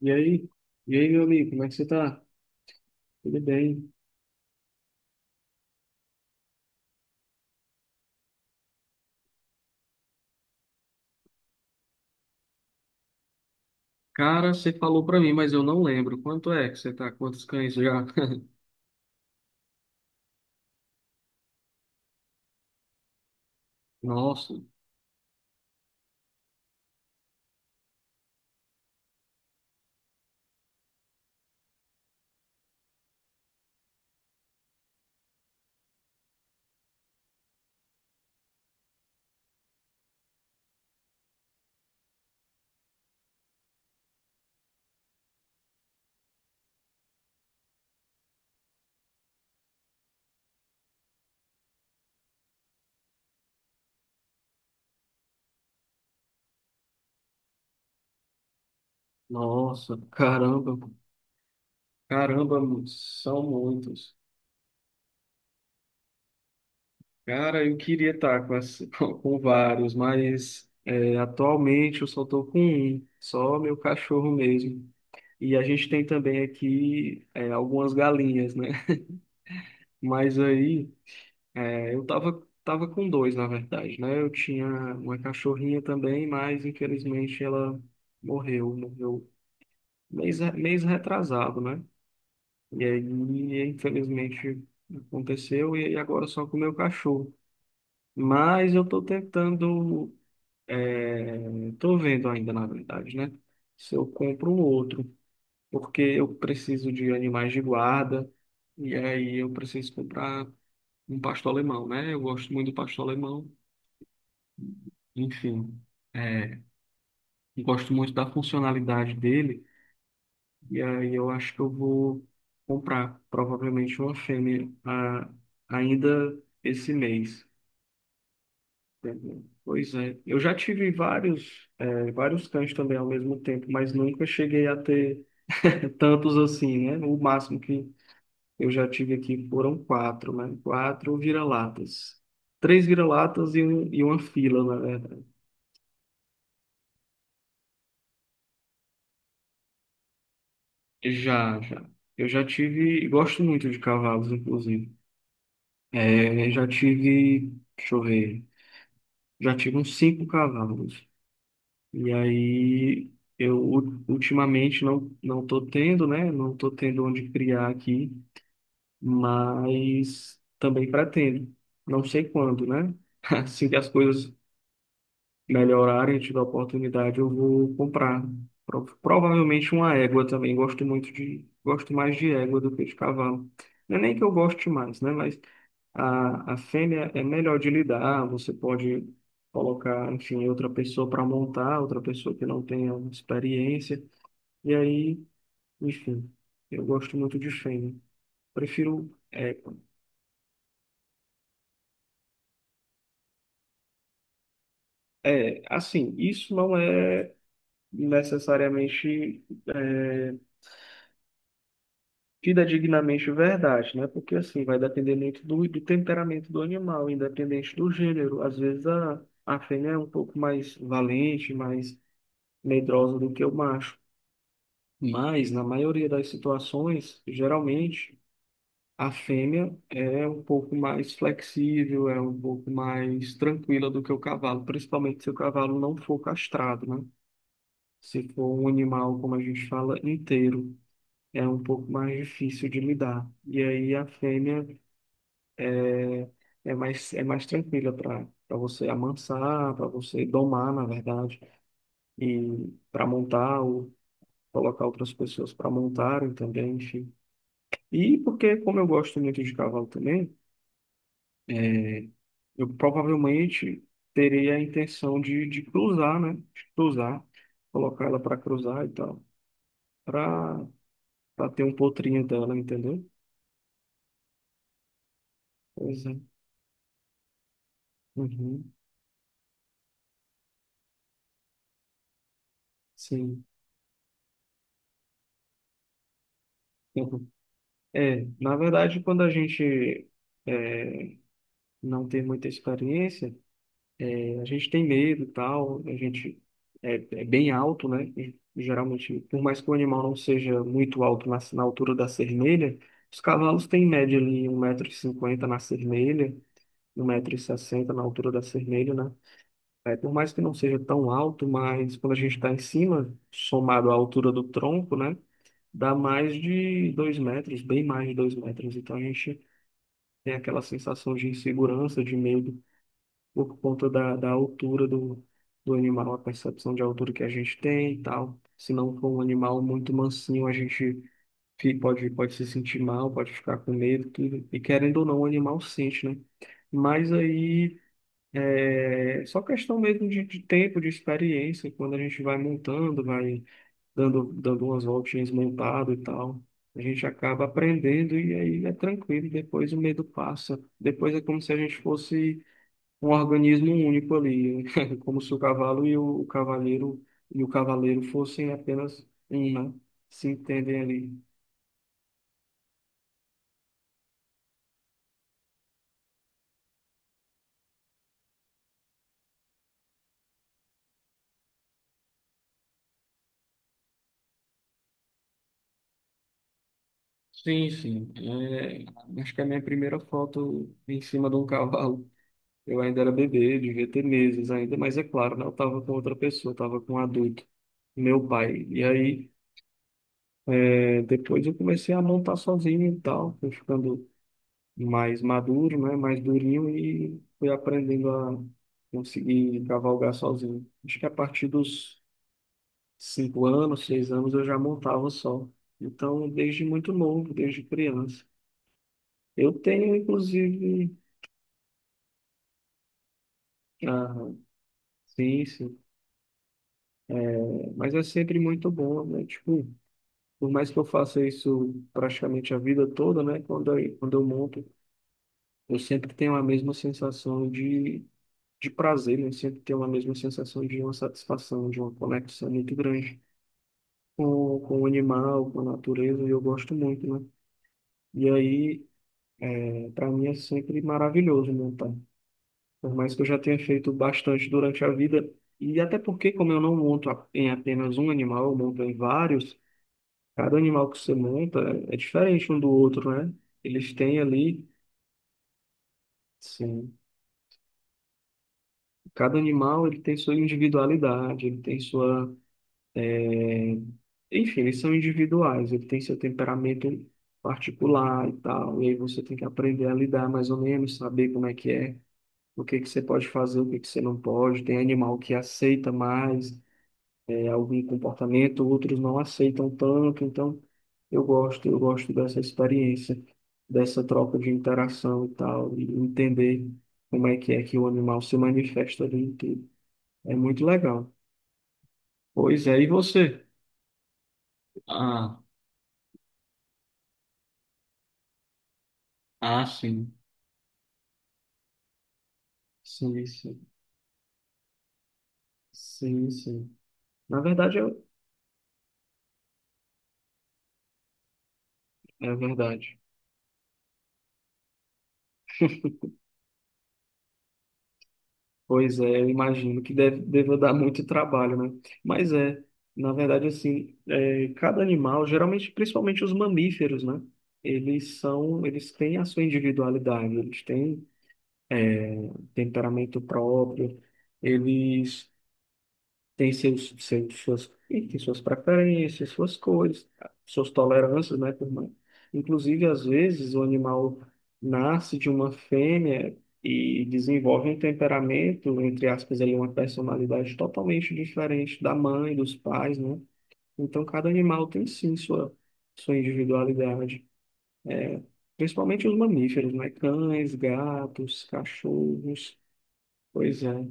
E aí? E aí, meu amigo, como é que você tá? Tudo bem? Cara, você falou pra mim, mas eu não lembro. Quanto é que você tá? Quantos cães já? Nossa, Nossa, caramba. Caramba, são muitos. Cara, eu queria estar com com vários, mas é, atualmente eu só tô com um, só meu cachorro mesmo. E a gente tem também aqui algumas galinhas, né? Mas aí. É, eu tava com dois, na verdade, né? Eu tinha uma cachorrinha também, mas infelizmente ela morreu mês retrasado, né? E aí, infelizmente, aconteceu, e aí agora só com o meu cachorro. Mas eu tô tentando, é, tô vendo ainda, na verdade, né? Se eu compro um outro, porque eu preciso de animais de guarda, e aí eu preciso comprar um pastor alemão, né? Eu gosto muito do pastor alemão. Enfim, é, gosto muito da funcionalidade dele, e aí eu acho que eu vou comprar provavelmente uma fêmea ainda esse mês. Entendeu? Pois é, eu já tive vários, é, vários cães também ao mesmo tempo, mas nunca cheguei a ter tantos assim, né? O máximo que eu já tive aqui foram quatro, né? Quatro vira-latas. Três vira-latas e um, e uma fila, né? Já, já. Eu já tive, gosto muito de cavalos, inclusive. É, já tive, deixa eu ver, já tive uns cinco cavalos. E aí, eu ultimamente não tô tendo, né? Não tô tendo onde criar aqui, mas também pretendo. Não sei quando, né? Assim que as coisas melhorarem, tiver oportunidade, eu vou comprar. Provavelmente uma égua também. Gosto muito de, gosto mais de égua do que de cavalo. Não é nem que eu goste mais, né? Mas a fêmea é melhor de lidar. Você pode colocar, enfim, outra pessoa para montar, outra pessoa que não tenha experiência. E aí, enfim, eu gosto muito de fêmea. Prefiro égua. É, assim, isso não é necessariamente é, tida dignamente verdade, né? Porque assim vai depender muito do temperamento do animal, independente do gênero. Às vezes a fêmea é um pouco mais valente, mais medrosa do que o macho. Mas na maioria das situações, geralmente a fêmea é um pouco mais flexível, é um pouco mais tranquila do que o cavalo, principalmente se o cavalo não for castrado, né? Se for um animal, como a gente fala, inteiro, é um pouco mais difícil de lidar. E aí a fêmea é mais tranquila para você amansar, para você domar, na verdade, e para montar ou colocar outras pessoas para montarem também, enfim. E porque, como eu gosto muito de cavalo também, é, eu provavelmente terei a intenção de cruzar, né? De cruzar, colocar ela para cruzar e tal, para para ter um potrinho dela, entendeu? Pois é. Uhum. Sim. Uhum. É, na verdade, quando a gente é, não ter muita experiência, a gente tem medo e tal, a gente é, é bem alto, né? E, geralmente, por mais que o animal não seja muito alto na altura da cerneira, os cavalos têm em média ali 1,50 m na cerneira, 1,60 m na altura da cerneira, né? É, por mais que não seja tão alto, mas quando a gente está em cima, somado à altura do tronco, né? Dá mais de 2 metros, bem mais de 2 metros. Então a gente tem aquela sensação de insegurança, de medo, por conta da altura do animal, a percepção de altura que a gente tem e tal. Se não for um animal muito mansinho, a gente pode se sentir mal, pode ficar com medo, tudo. E querendo ou não, o animal sente, né? Mas aí é só questão mesmo de tempo, de experiência, quando a gente vai montando, vai dando umas voltinhas montado e tal. A gente acaba aprendendo e aí é tranquilo, depois o medo passa. Depois é como se a gente fosse um organismo único ali, como se o cavalo e o cavaleiro fossem apenas um, né, se entendem ali. Sim, sim. É, acho que a minha primeira foto em cima de um cavalo. Eu ainda era bebê, devia ter meses ainda, mas é claro, né? Eu estava com outra pessoa, estava com um adulto, meu pai. E aí, é, depois eu comecei a montar sozinho e tal, fui ficando mais maduro, né? Mais durinho e fui aprendendo a conseguir cavalgar sozinho. Acho que a partir dos 5 anos, 6 anos eu já montava só. Então, desde muito novo, desde criança. Eu tenho, inclusive, ah, sim, sim, é, mas é sempre muito bom, né? Tipo, por mais que eu faça isso praticamente a vida toda, né? Quando eu monto, eu sempre tenho a mesma sensação de prazer, né? Sempre ter uma mesma sensação de uma satisfação, de uma conexão muito grande com o animal, com a natureza, e eu gosto muito, né? E aí, para mim, é sempre maravilhoso montar. Por mais que eu já tenha feito bastante durante a vida, e até porque, como eu não monto em apenas um animal, eu monto em vários, cada animal que você monta é diferente um do outro, né? Eles têm ali, sim, cada animal ele tem sua individualidade, ele tem sua Enfim, eles são individuais, ele tem seu temperamento particular e tal, e aí você tem que aprender a lidar mais ou menos, saber como é que é, o que que você pode fazer, o que que você não pode. Tem animal que aceita mais algum comportamento, outros não aceitam tanto, então eu gosto dessa experiência, dessa troca de interação e tal, e entender como é que o animal se manifesta ali, e tudo. É muito legal. Pois é, e você? Ah, ah, sim. Sim, sim. Sim, sim. Na verdade, eu. É verdade. Pois é, eu imagino que deve, deva dar muito trabalho, né? Mas é, na verdade, assim, é, cada animal, geralmente, principalmente os mamíferos, né? Eles são, eles têm a sua individualidade, eles têm é, temperamento próprio, eles tem seus suas, e tem suas preferências, suas cores, suas tolerâncias, né, por mais. Inclusive, às vezes, o animal nasce de uma fêmea e desenvolve um temperamento, entre aspas, ali, uma personalidade totalmente diferente da mãe, dos pais, né? Então, cada animal tem sim sua individualidade. É, principalmente os mamíferos, né? Cães, gatos, cachorros. Pois é.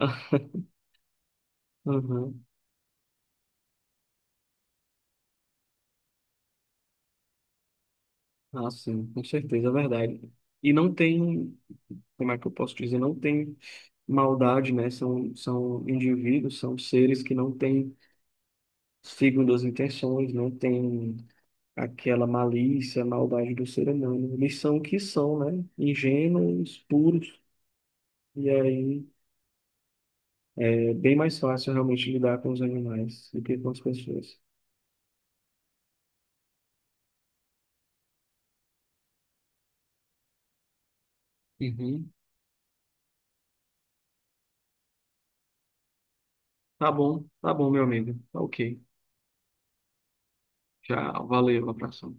Aham. Ah, sim, com certeza, é verdade. E não tem, como é que eu posso dizer, não tem maldade, né? São indivíduos, são seres que não têm segundas intenções, não têm aquela malícia, maldade do ser humano. Eles são o que são, né? Ingênuos, puros. E aí é bem mais fácil realmente lidar com os animais do que com as pessoas. Uhum. Tá bom, meu amigo. Tá, ok. Tchau, valeu, abração.